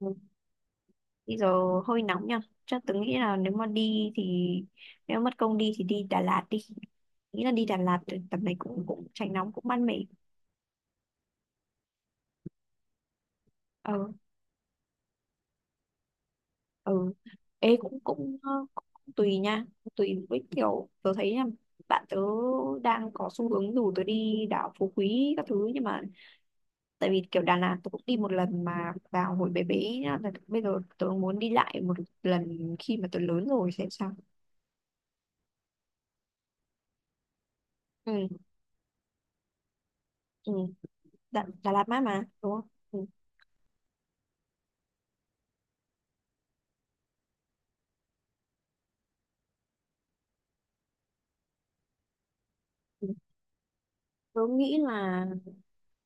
Ừ. Bây giờ hơi nóng nha. Chắc tớ nghĩ là nếu mất công đi thì đi Đà Lạt đi. Nghĩ là đi Đà Lạt thì tầm này cũng cũng tránh nóng, cũng mát mẻ. Ờ, ừ. Ê, cũng cũng, ờ, cũng tùy nha, cũng tùy với kiểu tớ thấy nha. Bạn tớ đang có xu hướng rủ tớ đi đảo Phú Quý các thứ, nhưng mà tại vì kiểu Đà Lạt tớ cũng đi một lần mà vào hồi bé bé nhá. Là bây giờ tớ muốn đi lại một lần khi mà tớ lớn rồi xem sao. Ừ, ừ. Đà Lạt mát mà đúng không? Ừ. Tớ nghĩ là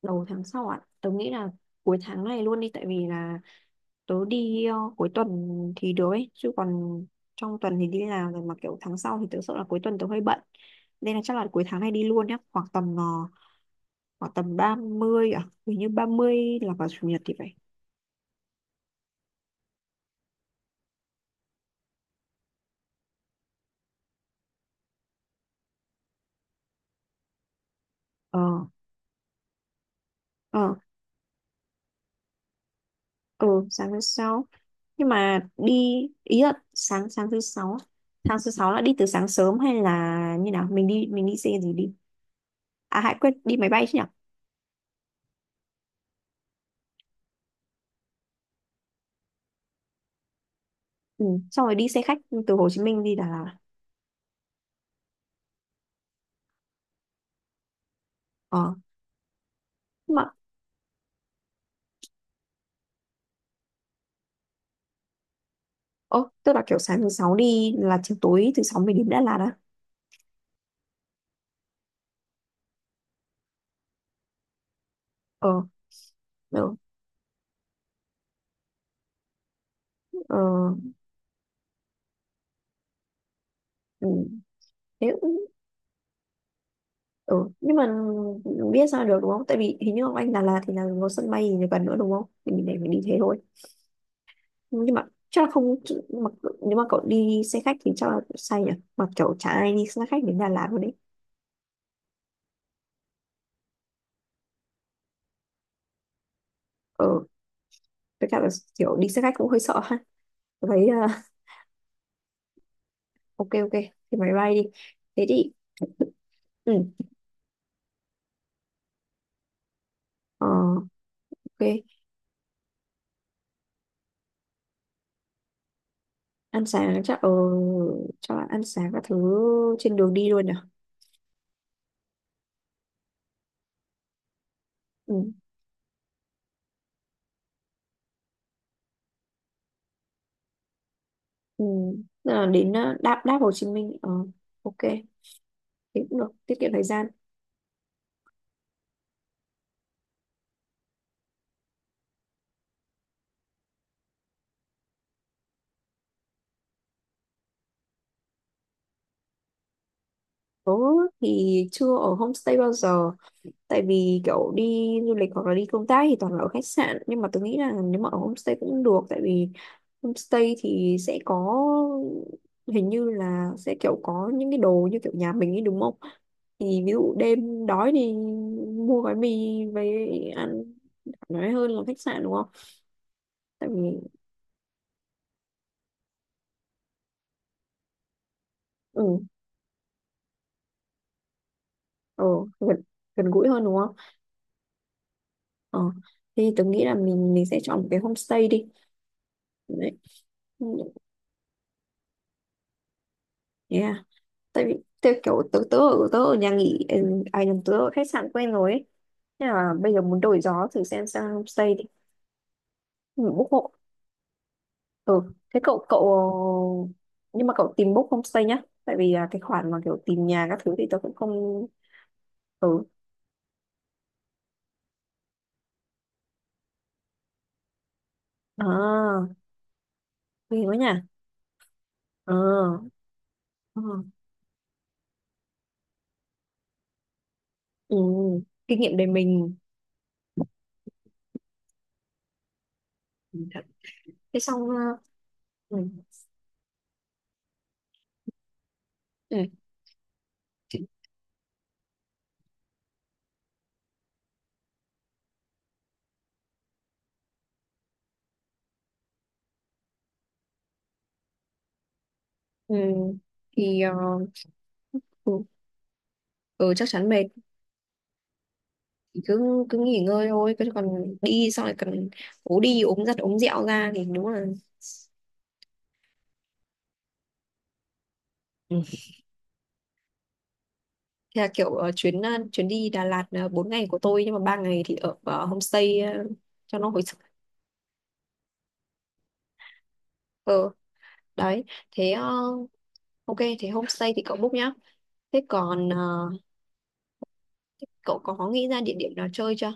đầu tháng sau ạ. Tớ nghĩ là cuối tháng này luôn đi, tại vì là tớ đi cuối tuần thì được ấy, chứ còn trong tuần thì đi làm rồi, mà kiểu tháng sau thì tớ sợ là cuối tuần tớ hơi bận. Nên là chắc là cuối tháng này đi luôn nhé, khoảng tầm 30 à, hình như 30 là vào chủ nhật thì phải. Ờ ờ ờ sáng thứ sáu. Nhưng mà ý là sáng sáng thứ sáu. Tháng thứ sáu là đi từ sáng sớm hay là như nào? Mình đi xe gì đi? À, hãy quyết đi máy bay chứ nhỉ? Ừ. Xong rồi đi xe khách từ Hồ Chí Minh đi Đà Lạt. Ờ. Mà, ơ tức là kiểu sáng thứ sáu đi là chiều tối thứ sáu mình đến Đà Lạt à? Ờ, được. Ờ, ừ. Thế cũng- ừ. Nhưng mà biết sao được đúng không? Tại vì hình như ở anh Đà Lạt thì là có sân bay gì gần nữa đúng không? Thì mình để mình đi thế thôi. Nhưng mà chắc là không mà, nếu mà cậu đi xe khách thì chắc là say nhỉ? Mà kiểu chả ai đi xe khách đến Đà Lạt luôn đấy. Ờ, với cả là kiểu đi xe khách cũng hơi sợ ha. Tôi Thấy ờ, ok, ok, thì máy bay đi. Thế đi, ừ. Ờ, ok. Ăn sáng chắc cho bạn ăn sáng các thứ trên đường đi luôn nhỉ? Ừ. Ừ. Tức là đến đáp đáp Hồ Chí Minh. Ờ, ok. Thế cũng được. Tiết kiệm thời gian. Tớ thì chưa ở homestay bao giờ. Tại vì kiểu đi du lịch hoặc là đi công tác thì toàn là ở khách sạn, nhưng mà tôi nghĩ là nếu mà ở homestay cũng được. Tại vì homestay thì sẽ có, hình như là sẽ kiểu có những cái đồ như kiểu nhà mình ấy đúng không, thì ví dụ đêm đói thì mua gói mì về ăn, nói hơn là khách sạn đúng không. Tại vì ừ, ừ, gần gần gũi hơn đúng không. ờ thì tôi nghĩ là mình sẽ chọn một cái homestay đi. Đấy. Yeah, tại vì theo kiểu tớ, tớ ở nhà nghỉ, ừ, à nhầm, tớ ở khách sạn quen rồi ấy. Thế là bây giờ muốn đổi gió thử xem, sang homestay đi. Ừ, book hộ, ừ, thế cậu cậu nhưng mà cậu tìm book homestay nhá. Tại vì cái khoản mà kiểu tìm nhà các thứ thì tớ cũng không. Ừ, à, nguy quá nhỉ. ờ ờ, ừ. Kinh nghiệm để mình. Ừ, thật. thế xong à, ừ. Ừ. Ừ. thì ờ, ừ. Ừ, chắc chắn mệt. Thì cứ cứ nghỉ ngơi thôi, cứ còn đi xong lại còn ố đi ốm giặt ốm dẹo ra thì đúng là. Ừ. Thế là kiểu chuyến đi Đà Lạt, 4 ngày của tôi nhưng mà ba ngày thì ở homestay cho nó hồi sức. ờ đấy. thế ờ, ok, thế homestay thì cậu book nhá. thế còn ờ, thế cậu có nghĩ ra địa điểm nào chơi chưa?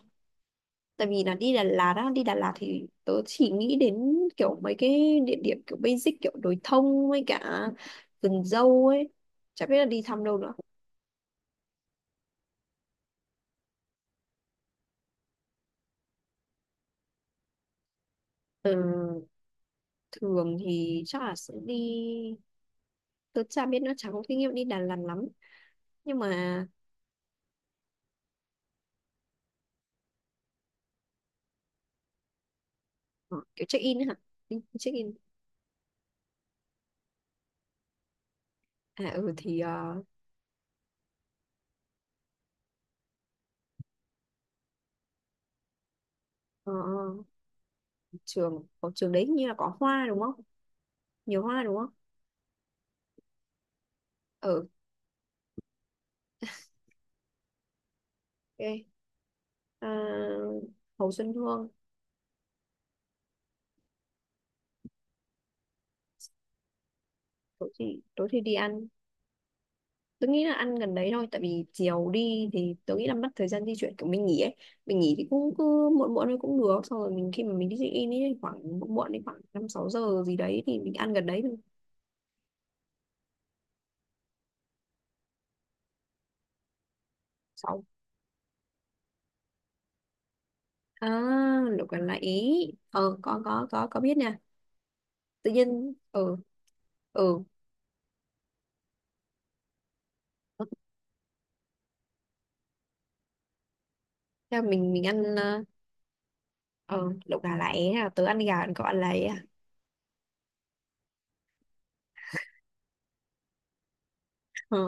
Tại vì là đi Đà Lạt thì tớ chỉ nghĩ đến kiểu mấy cái địa điểm kiểu basic, kiểu đồi thông với cả vườn dâu ấy, chả biết là đi thăm đâu nữa. Ờ, thường thì chắc là sẽ đi. Tôi chả biết nữa, chả có kinh nghiệm đi Đà Lạt lắm, nhưng mà ờ, kiểu check in ấy hả. Đi check in. À, ừ, ờ, ở trường đấy hình như là có hoa đúng không? Nhiều hoa đúng không? Ừ, ok. À, Hồ Xuân Hương. Tối thì đi ăn. Tôi nghĩ là ăn gần đấy thôi, tại vì chiều đi thì tôi nghĩ là mất thời gian di chuyển, kiểu mình nghỉ ấy. Mình nghỉ thì cũng cứ muộn muộn thôi cũng được, xong rồi mình khi mà mình đi check in ấy khoảng muộn muộn, đến khoảng năm sáu giờ gì đấy thì mình ăn gần đấy thôi. Sáu, à, lẩu gà lại ý. Ờ, có, biết nha. Tự nhiên ờ theo mình ăn ờ, lẩu gà lá é, à, tớ ăn gà còn cậu ăn lá é à. Ờ,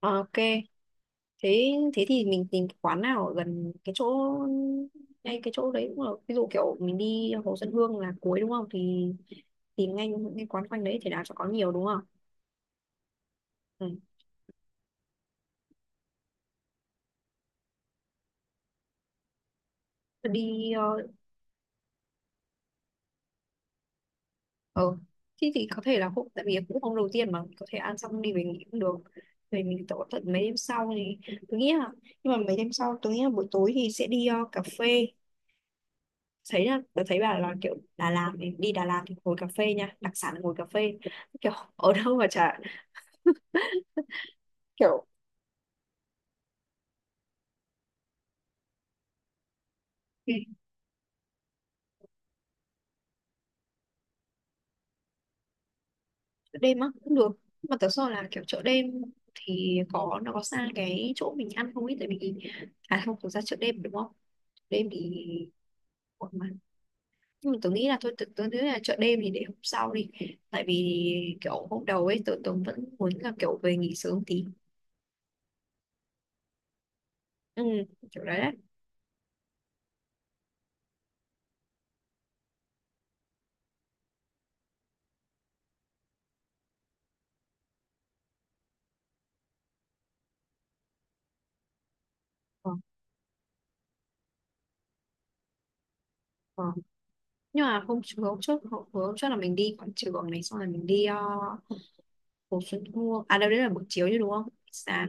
ok. Thế thế thì mình tìm cái quán nào ở gần cái chỗ. Ngay cái chỗ đấy cũng được, ví dụ kiểu mình đi Hồ Xuân Hương là cuối đúng không, thì tìm ngay những cái quán quanh đấy thì nào cho có nhiều đúng không. Ừ. đi ờ ờ, thế thì có thể là hôm, tại vì cũng hôm đầu tiên mà, có thể ăn xong đi về nghỉ cũng được. Về mình tổ tận mấy đêm sau thì tôi nghĩ là. Nhưng mà mấy đêm sau tôi nghĩ là buổi tối thì sẽ đi cà phê. Thấy là tôi thấy bà là kiểu Đà Lạt thì đi Đà Lạt thì ngồi cà phê nha, đặc sản là ngồi cà phê. Kiểu ở đâu mà chả. Kiểu đêm á cũng được. Nhưng mà thật sự là kiểu chợ đêm thì có, nó có xa cái chỗ mình ăn không ấy, tại vì. À không, thực ra chợ đêm đúng không, chợ đêm thì. Ủa mà, nhưng mà tớ nghĩ là thôi, tớ nghĩ là chợ đêm thì để hôm sau đi. Tại vì kiểu hôm đầu ấy tớ vẫn muốn là kiểu về nghỉ sớm tí. Ừ, kiểu đấy đấy. Ờ, ờ. Nhưng mà hôm trước là mình đi quảng trường này, xong rồi mình đi Hồ Xuân Hương, à đâu đấy là buổi chiều chứ đúng không, sáng.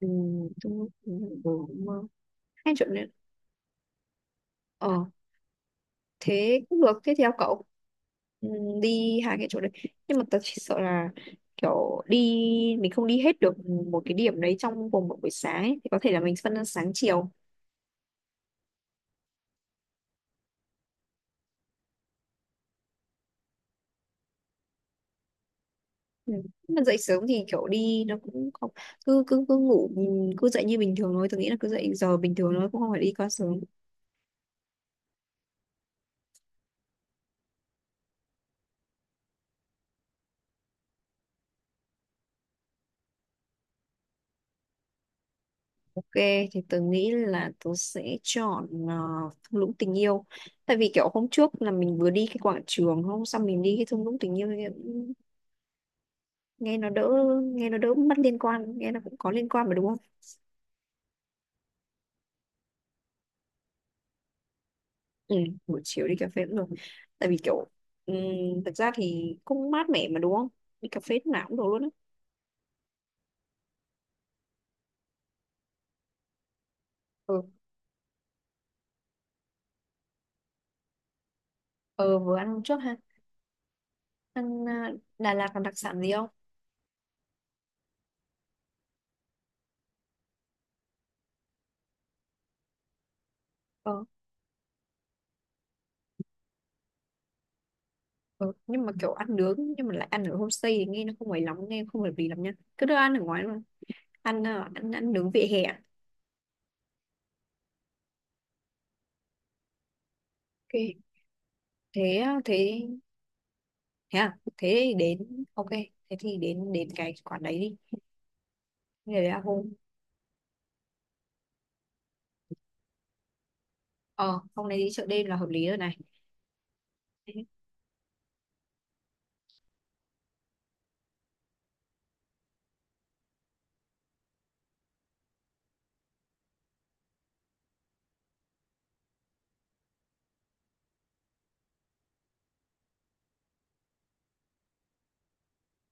Ừ, đúng, đúng, đúng, đúng. Hay chợ đêm. Ờ, thế cũng được, thế thì theo cậu. Ừ, đi hai cái chỗ đấy. Nhưng mà tớ chỉ sợ là kiểu đi mình không đi hết được một cái điểm đấy trong vòng một buổi sáng ấy. Thì có thể là mình phân ra sáng chiều. Ừ. Mà dậy sớm thì kiểu đi nó cũng không. Cứ cứ cứ ngủ, ừ, cứ dậy như bình thường thôi, tôi nghĩ là cứ dậy giờ bình thường thôi, cũng không phải đi quá sớm. Ok, thì tớ nghĩ là tớ sẽ chọn thung lũng tình yêu. Tại vì kiểu hôm trước là mình vừa đi cái quảng trường, hôm sau mình đi cái thung lũng tình yêu, nghe nó đỡ, nghe nó đỡ mất liên quan, nghe nó cũng có liên quan mà đúng không. Ừ, buổi chiều đi cà phê cũng được. Tại vì kiểu ừm, thực ra thì cũng mát mẻ mà đúng không. Đi cà phê lúc nào cũng được luôn á. Ừ. Ờ, vừa ăn hôm trước ha. ăn à, Đà Lạt còn đặc sản gì không. Ờ. Ừ. Nhưng mà kiểu ăn nướng nhưng mà lại ăn ở homestay thì nghe nó không ấy lắm, nghe không hợp lý lắm nha. Cứ đưa ăn ở ngoài luôn. Ăn nướng vỉa hè à? Ok, thế. Thế thế à thế thì đến, ok, thế thì đến đến cái quán đấy đi. Thế là hôm, ờ hôm nay đi chợ đêm là hợp lý rồi này. Đấy,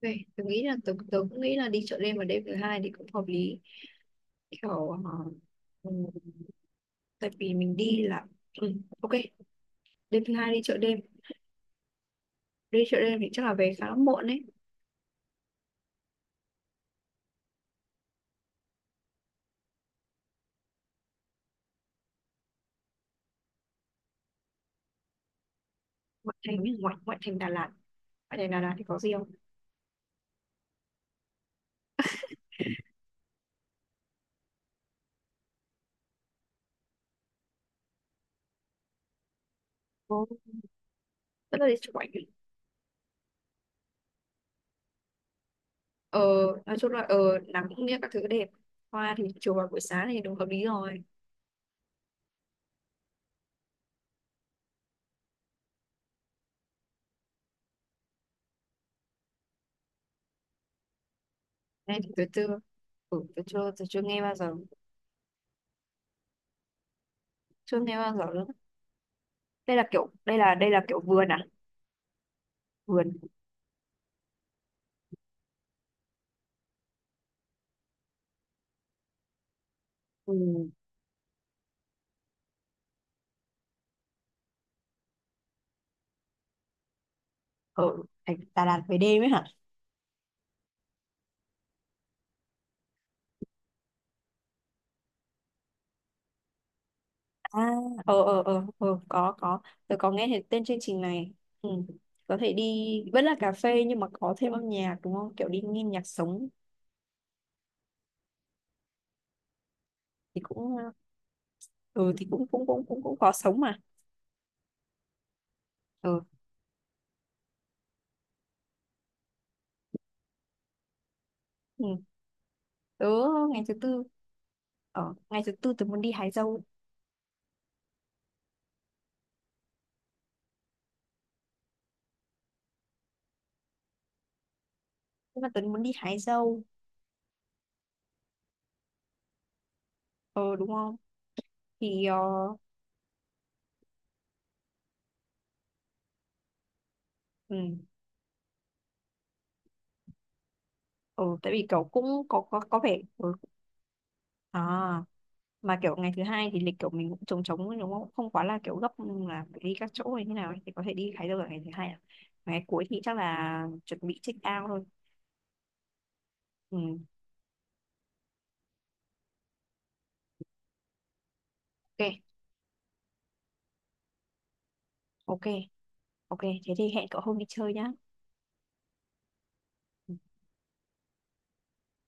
vậy tôi nghĩ là tôi cũng nghĩ là đi chợ đêm vào đêm thứ hai thì cũng hợp lý. Kiểu ờ, ừ, tại vì mình đi là, ừ, ok. Đêm thứ hai đi chợ đêm. Đi chợ đêm thì chắc là về khá là muộn ấy. Ngoại thành ấy, ngoại ngoại thành Đà Lạt. Ngoại thành Đà Lạt thì có gì không. Có. Rất là đi chụp ảnh. ờ nói chung là nắng cũng như các thứ đẹp. Hoa thì chiều và buổi sáng thì đúng hợp lý rồi. Nay thì tôi chưa, ừ, tôi chưa nghe bao giờ. Chưa nghe bao giờ nữa. Đây là kiểu vườn à, vườn. Ừ. Ở thành Đà Lạt về đêm ấy hả. À, ờ, ờ, ờ, ờ, có, có. Tôi có nghe thấy tên chương trình này. Ừ. Có thể đi vẫn là cà phê nhưng mà có thêm âm nhạc đúng không, kiểu đi nghe nhạc sống. Thì cũng ừ, thì cũng cũng cũng cũng cũng có sống mà. Ừ. Ừ. Tớ, ngày thứ tư. Ở ngày thứ tư tớ muốn đi hái dâu. Nhưng mà tớ muốn đi hái dâu. Ờ, đúng không. Thì ờ ừ, ừ, tại vì kiểu cũng có vẻ ừ. À, mà kiểu ngày thứ hai thì lịch kiểu mình cũng trống trống ấy, đúng không, không quá là kiểu gấp, ừ, là phải đi các chỗ hay như nào ấy. Thì có thể đi Thái Đâu ở ngày thứ hai à. Mà ngày cuối thì chắc là chuẩn bị check out thôi. Ừ. Ok, ok, ok, thế thì hẹn cậu hôm đi chơi nhá.